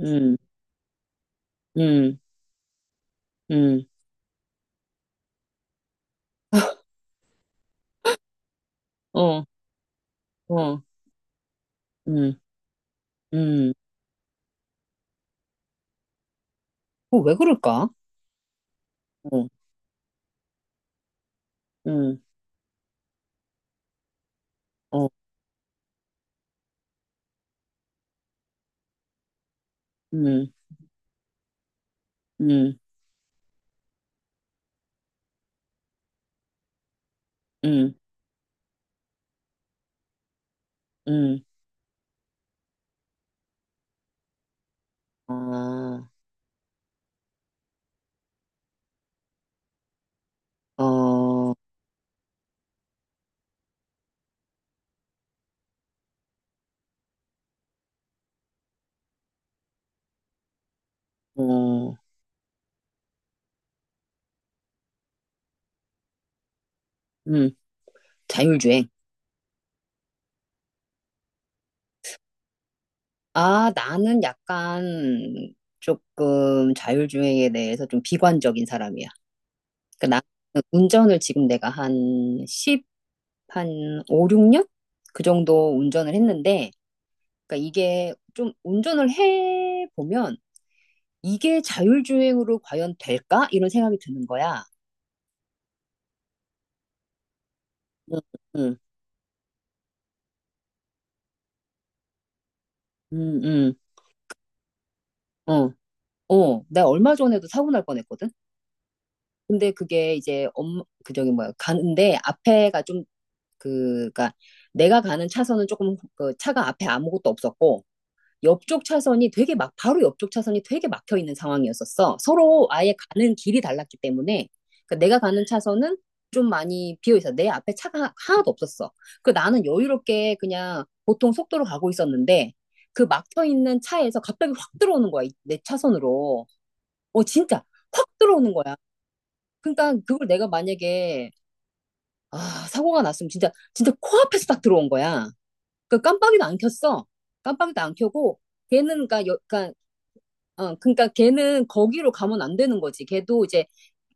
음, 음, 음. 어, 어, 음, 음. 어, 왜 그럴까? 어, 음, 어, 음, 음, 음, 음. 아, 어, 어, 음. 자율주행. 아, 나는 약간 조금 자율주행에 대해서 좀 비관적인 사람이야. 그러니까 나 운전을 지금 내가 한 10, 한 5, 6년? 그 정도 운전을 했는데, 그러니까 이게 좀 운전을 해보면 이게 자율주행으로 과연 될까? 이런 생각이 드는 거야. 응, 응, 응, 응. 어, 어. 나 얼마 전에도 사고 날 뻔했거든? 근데 그게 이제 그 저기 뭐야. 가는데 앞에가 좀, 그니까 내가 가는 차선은 조금 그 차가 앞에 아무것도 없었고, 옆쪽 차선이 되게 막, 바로 옆쪽 차선이 되게 막혀 있는 상황이었었어. 서로 아예 가는 길이 달랐기 때문에. 그러니까 내가 가는 차선은 좀 많이 비어 있어. 내 앞에 차가 하나도 없었어. 그 나는 여유롭게 그냥 보통 속도로 가고 있었는데 그 막혀 있는 차에서 갑자기 확 들어오는 거야. 내 차선으로. 어, 진짜 확 들어오는 거야. 그러니까 그걸 내가 만약에 아, 사고가 났으면 진짜 진짜 코앞에서 딱 들어온 거야. 그 깜빡이도 안 켰어. 깜빡이도 안 켜고 걔는 그러니까, 여, 그러니까 어, 그러니까 걔는 거기로 가면 안 되는 거지. 걔도 이제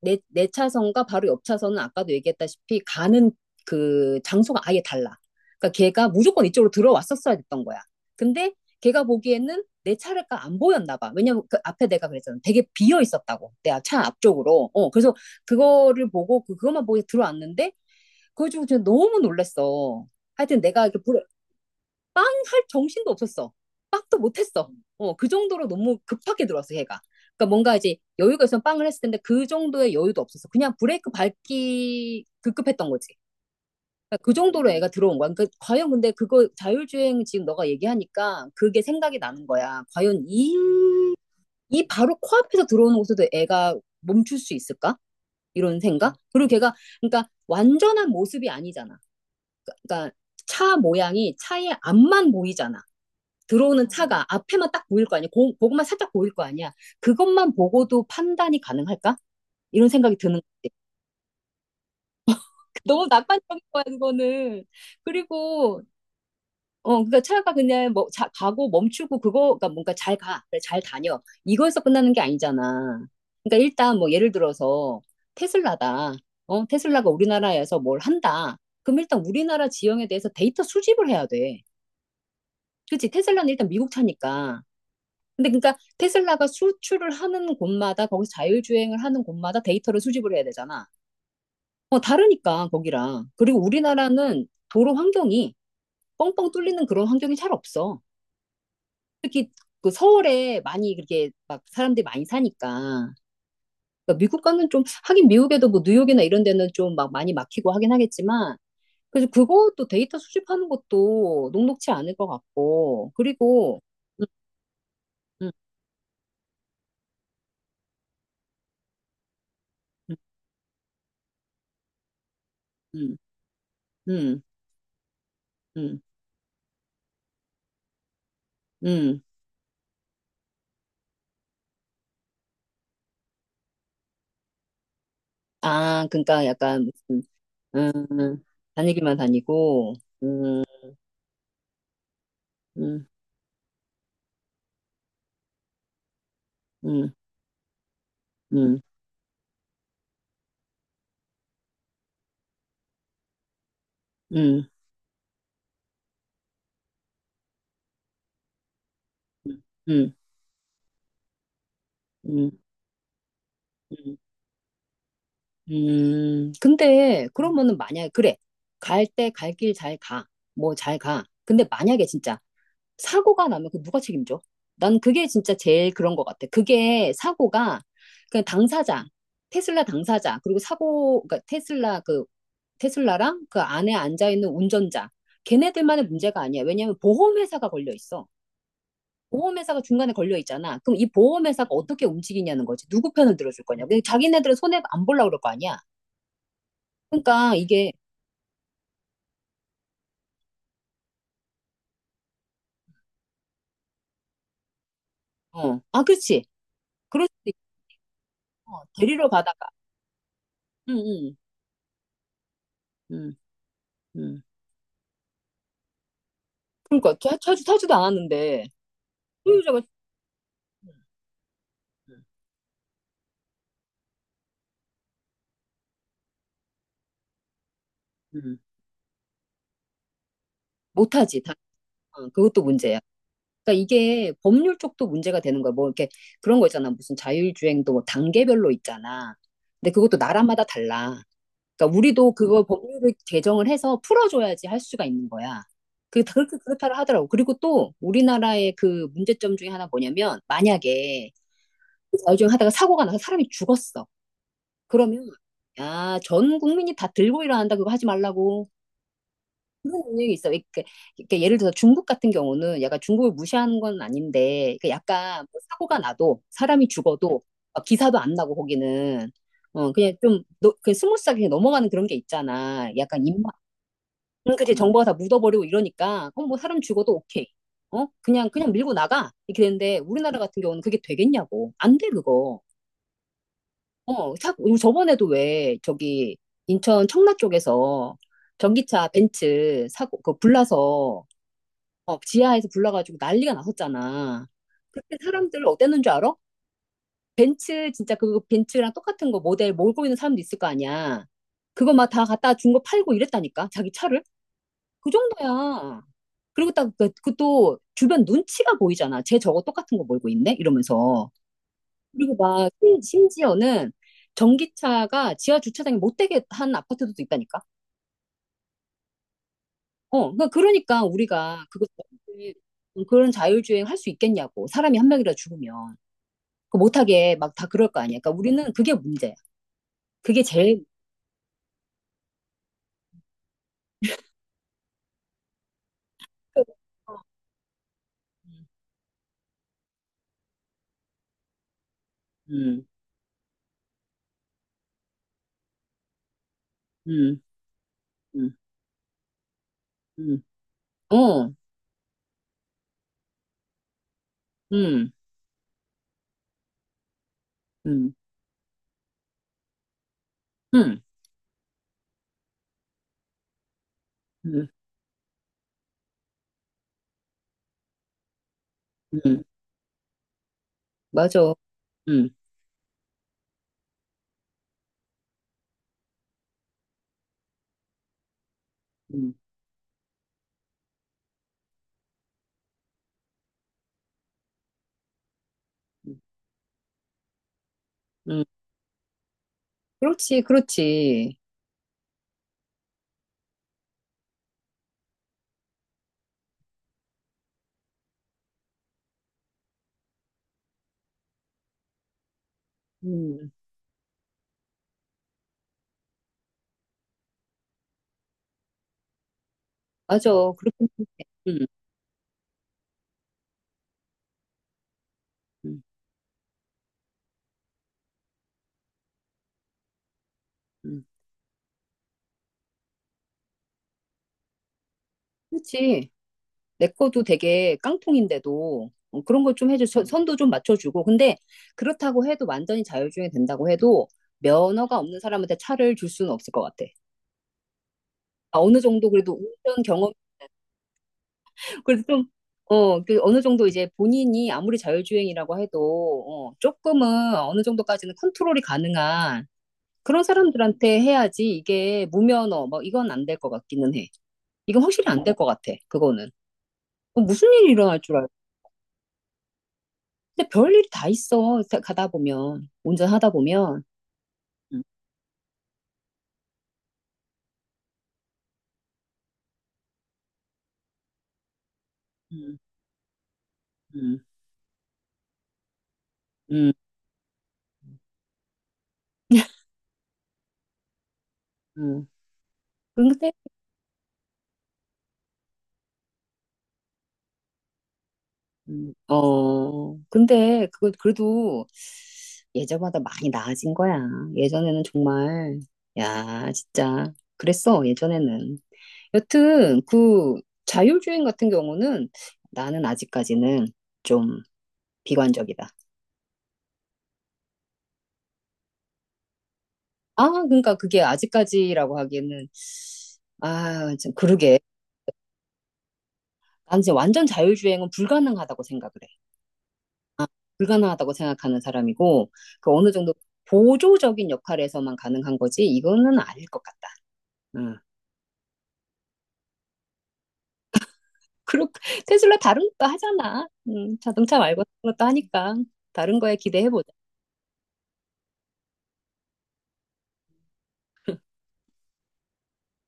내 차선과 바로 옆 차선은 아까도 얘기했다시피 가는 그 장소가 아예 달라. 그러니까 걔가 무조건 이쪽으로 들어왔었어야 됐던 거야. 근데 걔가 보기에는 내 차례가 안 보였나 봐. 왜냐면 그 앞에 내가 그랬잖아. 되게 비어 있었다고. 내 차 앞쪽으로. 어, 그래서 그거를 보고 그것만 보고 들어왔는데 그거 주고 진짜 너무 놀랬어. 하여튼 내가 이렇게 불, 빵 할 정신도 없었어. 빵도 못했어. 어, 그 정도로 너무 급하게 들어왔어, 얘가. 그러니까 뭔가 이제 여유가 있으면 빵을 했을 텐데 그 정도의 여유도 없었어. 그냥 브레이크 밟기 급급했던 거지. 그러니까 그 정도로 애가 들어온 거야. 그러니까 과연 근데 그거 자율주행 지금 너가 얘기하니까 그게 생각이 나는 거야. 이 바로 코앞에서 들어오는 곳에도 애가 멈출 수 있을까? 이런 생각? 그리고 걔가, 그러니까 완전한 모습이 아니잖아. 그러니까 차 모양이 차의 앞만 보이잖아. 들어오는 차가 앞에만 딱 보일 거 아니야? 그것만 살짝 보일 거 아니야? 그것만 보고도 판단이 가능할까? 이런 생각이 드는 거지. 너무 낙관적인 거야, 그거는. 그리고, 어, 그러니까 차가 그냥 뭐, 자, 가고 멈추고 그거, 가 뭔가 잘 가, 그래, 잘 다녀. 이거에서 끝나는 게 아니잖아. 그러니까 일단 뭐 예를 들어서 테슬라다. 어, 테슬라가 우리나라에서 뭘 한다. 그럼 일단 우리나라 지형에 대해서 데이터 수집을 해야 돼. 그치? 테슬라는 일단 미국 차니까. 근데 그러니까 테슬라가 수출을 하는 곳마다 거기서 자율주행을 하는 곳마다 데이터를 수집을 해야 되잖아. 어, 다르니까 거기랑. 그리고 우리나라는 도로 환경이 뻥뻥 뚫리는 그런 환경이 잘 없어. 특히 그 서울에 많이 그렇게 막 사람들이 많이 사니까. 그러니까 미국과는 좀 하긴 미국에도 뭐 뉴욕이나 이런 데는 좀 막 많이 막히고 하긴 하겠지만 그래서 그것도 데이터 수집하는 것도 녹록치 않을 것 같고 그리고 음, 음, 음, 음, 음, 음. 아, 그러니까 약간 무슨 음, 다니기만 다니고 음, 음, 음, 음, 음, 음, 음, 근데 그러면은 만약에 그래 갈 때 갈 길 잘 가. 뭐 잘 가. 근데 만약에 진짜 사고가 나면 그 누가 책임져? 난 그게 진짜 제일 그런 것 같아. 그게 사고가 그냥 당사자 테슬라 당사자 그리고 사고 그러니까 테슬라 그 테슬라랑 그 안에 앉아있는 운전자, 걔네들만의 문제가 아니야. 왜냐하면 보험회사가 걸려 있어. 보험회사가 중간에 걸려 있잖아. 그럼 이 보험회사가 어떻게 움직이냐는 거지. 누구 편을 들어줄 거냐. 그냥 자기네들은 손해 안 보려고 그럴 거 아니야. 그러니까 이게, 어, 아, 그렇지. 그럴 수도 있고, 어, 데리러 가다가, 응, 응, 응, 응. 그러니까 타지도 않았는데, 소유자가, 음, 음. 못하지. 다, 어, 그것도 문제야. 그러니까 이게 법률 쪽도 문제가 되는 거야. 뭐 이렇게 그런 거 있잖아. 무슨 자율주행도 뭐 단계별로 있잖아. 근데 그것도 나라마다 달라. 그러니까 우리도 그걸 법률을 개정을 해서 풀어줘야지 할 수가 있는 거야. 그 그렇게 그렇다 하더라고. 그리고 또 우리나라의 그 문제점 중에 하나 뭐냐면 만약에 자율주행 하다가 사고가 나서 사람이 죽었어. 그러면 야, 전 국민이 다 들고 일어난다 그거 하지 말라고. 그런 영역이 있어. 이렇게, 이렇게 예를 들어서 중국 같은 경우는 약간 중국을 무시하는 건 아닌데, 그 약간 뭐 사고가 나도, 사람이 죽어도, 막 기사도 안 나고, 거기는. 어, 그냥 좀, 너, 그 스무스하게 그냥 넘어가는 그런 게 있잖아. 약간 입맛. 응, 그치. 정보가 다 묻어버리고 이러니까, 어, 뭐 사람 죽어도 오케이. 어? 그냥, 그냥 밀고 나가. 이렇게 되는데, 우리나라 같은 경우는 그게 되겠냐고. 안 돼, 그거. 어, 자, 우리 저번에도 왜, 저기, 인천 청라 쪽에서 전기차 벤츠 사고, 그 불나서, 어, 지하에서 불러가지고 난리가 났었잖아. 그때 사람들 어땠는 줄 알아? 벤츠 진짜 그 벤츠랑 똑같은 거 모델 몰고 있는 사람도 있을 거 아니야. 그거 막 다 갖다 준 거 팔고 이랬다니까 자기 차를 그 정도야. 그리고 딱그또 주변 눈치가 보이잖아. 쟤 저거 똑같은 거 몰고 있네 이러면서. 그리고 막 심지어는 전기차가 지하 주차장에 못 되게 한 아파트도 있다니까. 어, 그러니까 우리가 그거 어, 그런 자율주행 할 수 있겠냐고 사람이 한 명이라 죽으면. 그 못하게 막 다 그럴 거 아니야. 그러니까 우리는 그게 문제야. 그게 제일 음, 음, 음, 음, 어, 음, 음, 음, 음, 음, 맞아. 음, 음, 음, 음. 그렇지, 그렇지. 음, 맞아. 그렇게 생각해. 음, 음, 음. 그렇지. 내 거도 되게 깡통인데도 어, 그런 걸 좀 해줘. 선도 좀 맞춰주고. 근데 그렇다고 해도 완전히 자율주행이 된다고 해도 면허가 없는 사람한테 차를 줄 수는 없을 것 같아. 아, 어느 정도 그래도 운전 경험, 그래도 좀, 어, 그 어느 정도 이제 본인이 아무리 자율주행이라고 해도, 어, 조금은 어느 정도까지는 컨트롤이 가능한 그런 사람들한테 해야지 이게 무면허, 뭐 이건 안 될 것 같기는 해. 이건 확실히 안 될 것 같아, 그거는. 어, 무슨 일이 일어날 줄 알고. 근데 별일이 다 있어, 가다 보면. 운전하다 보면. 음, 음, 음, 음. 음. 근데, 어, 근데, 그거, 그래도, 예전보다 많이 나아진 거야. 예전에는 정말, 야, 진짜. 그랬어, 예전에는. 여튼, 그 자율주행 같은 경우는 나는 아직까지는 좀 비관적이다. 아, 그러니까 그게 아직까지라고 하기에는, 아, 참, 그러게. 난 이제 완전 자율주행은 불가능하다고 생각을 해. 불가능하다고 생각하는 사람이고, 그 어느 정도 보조적인 역할에서만 가능한 거지, 이거는 아닐 것 같다. 음. 그렇 테슬라 다른 것도 하잖아. 자동차 말고 다른 것도 하니까 다른 거에 기대해보자.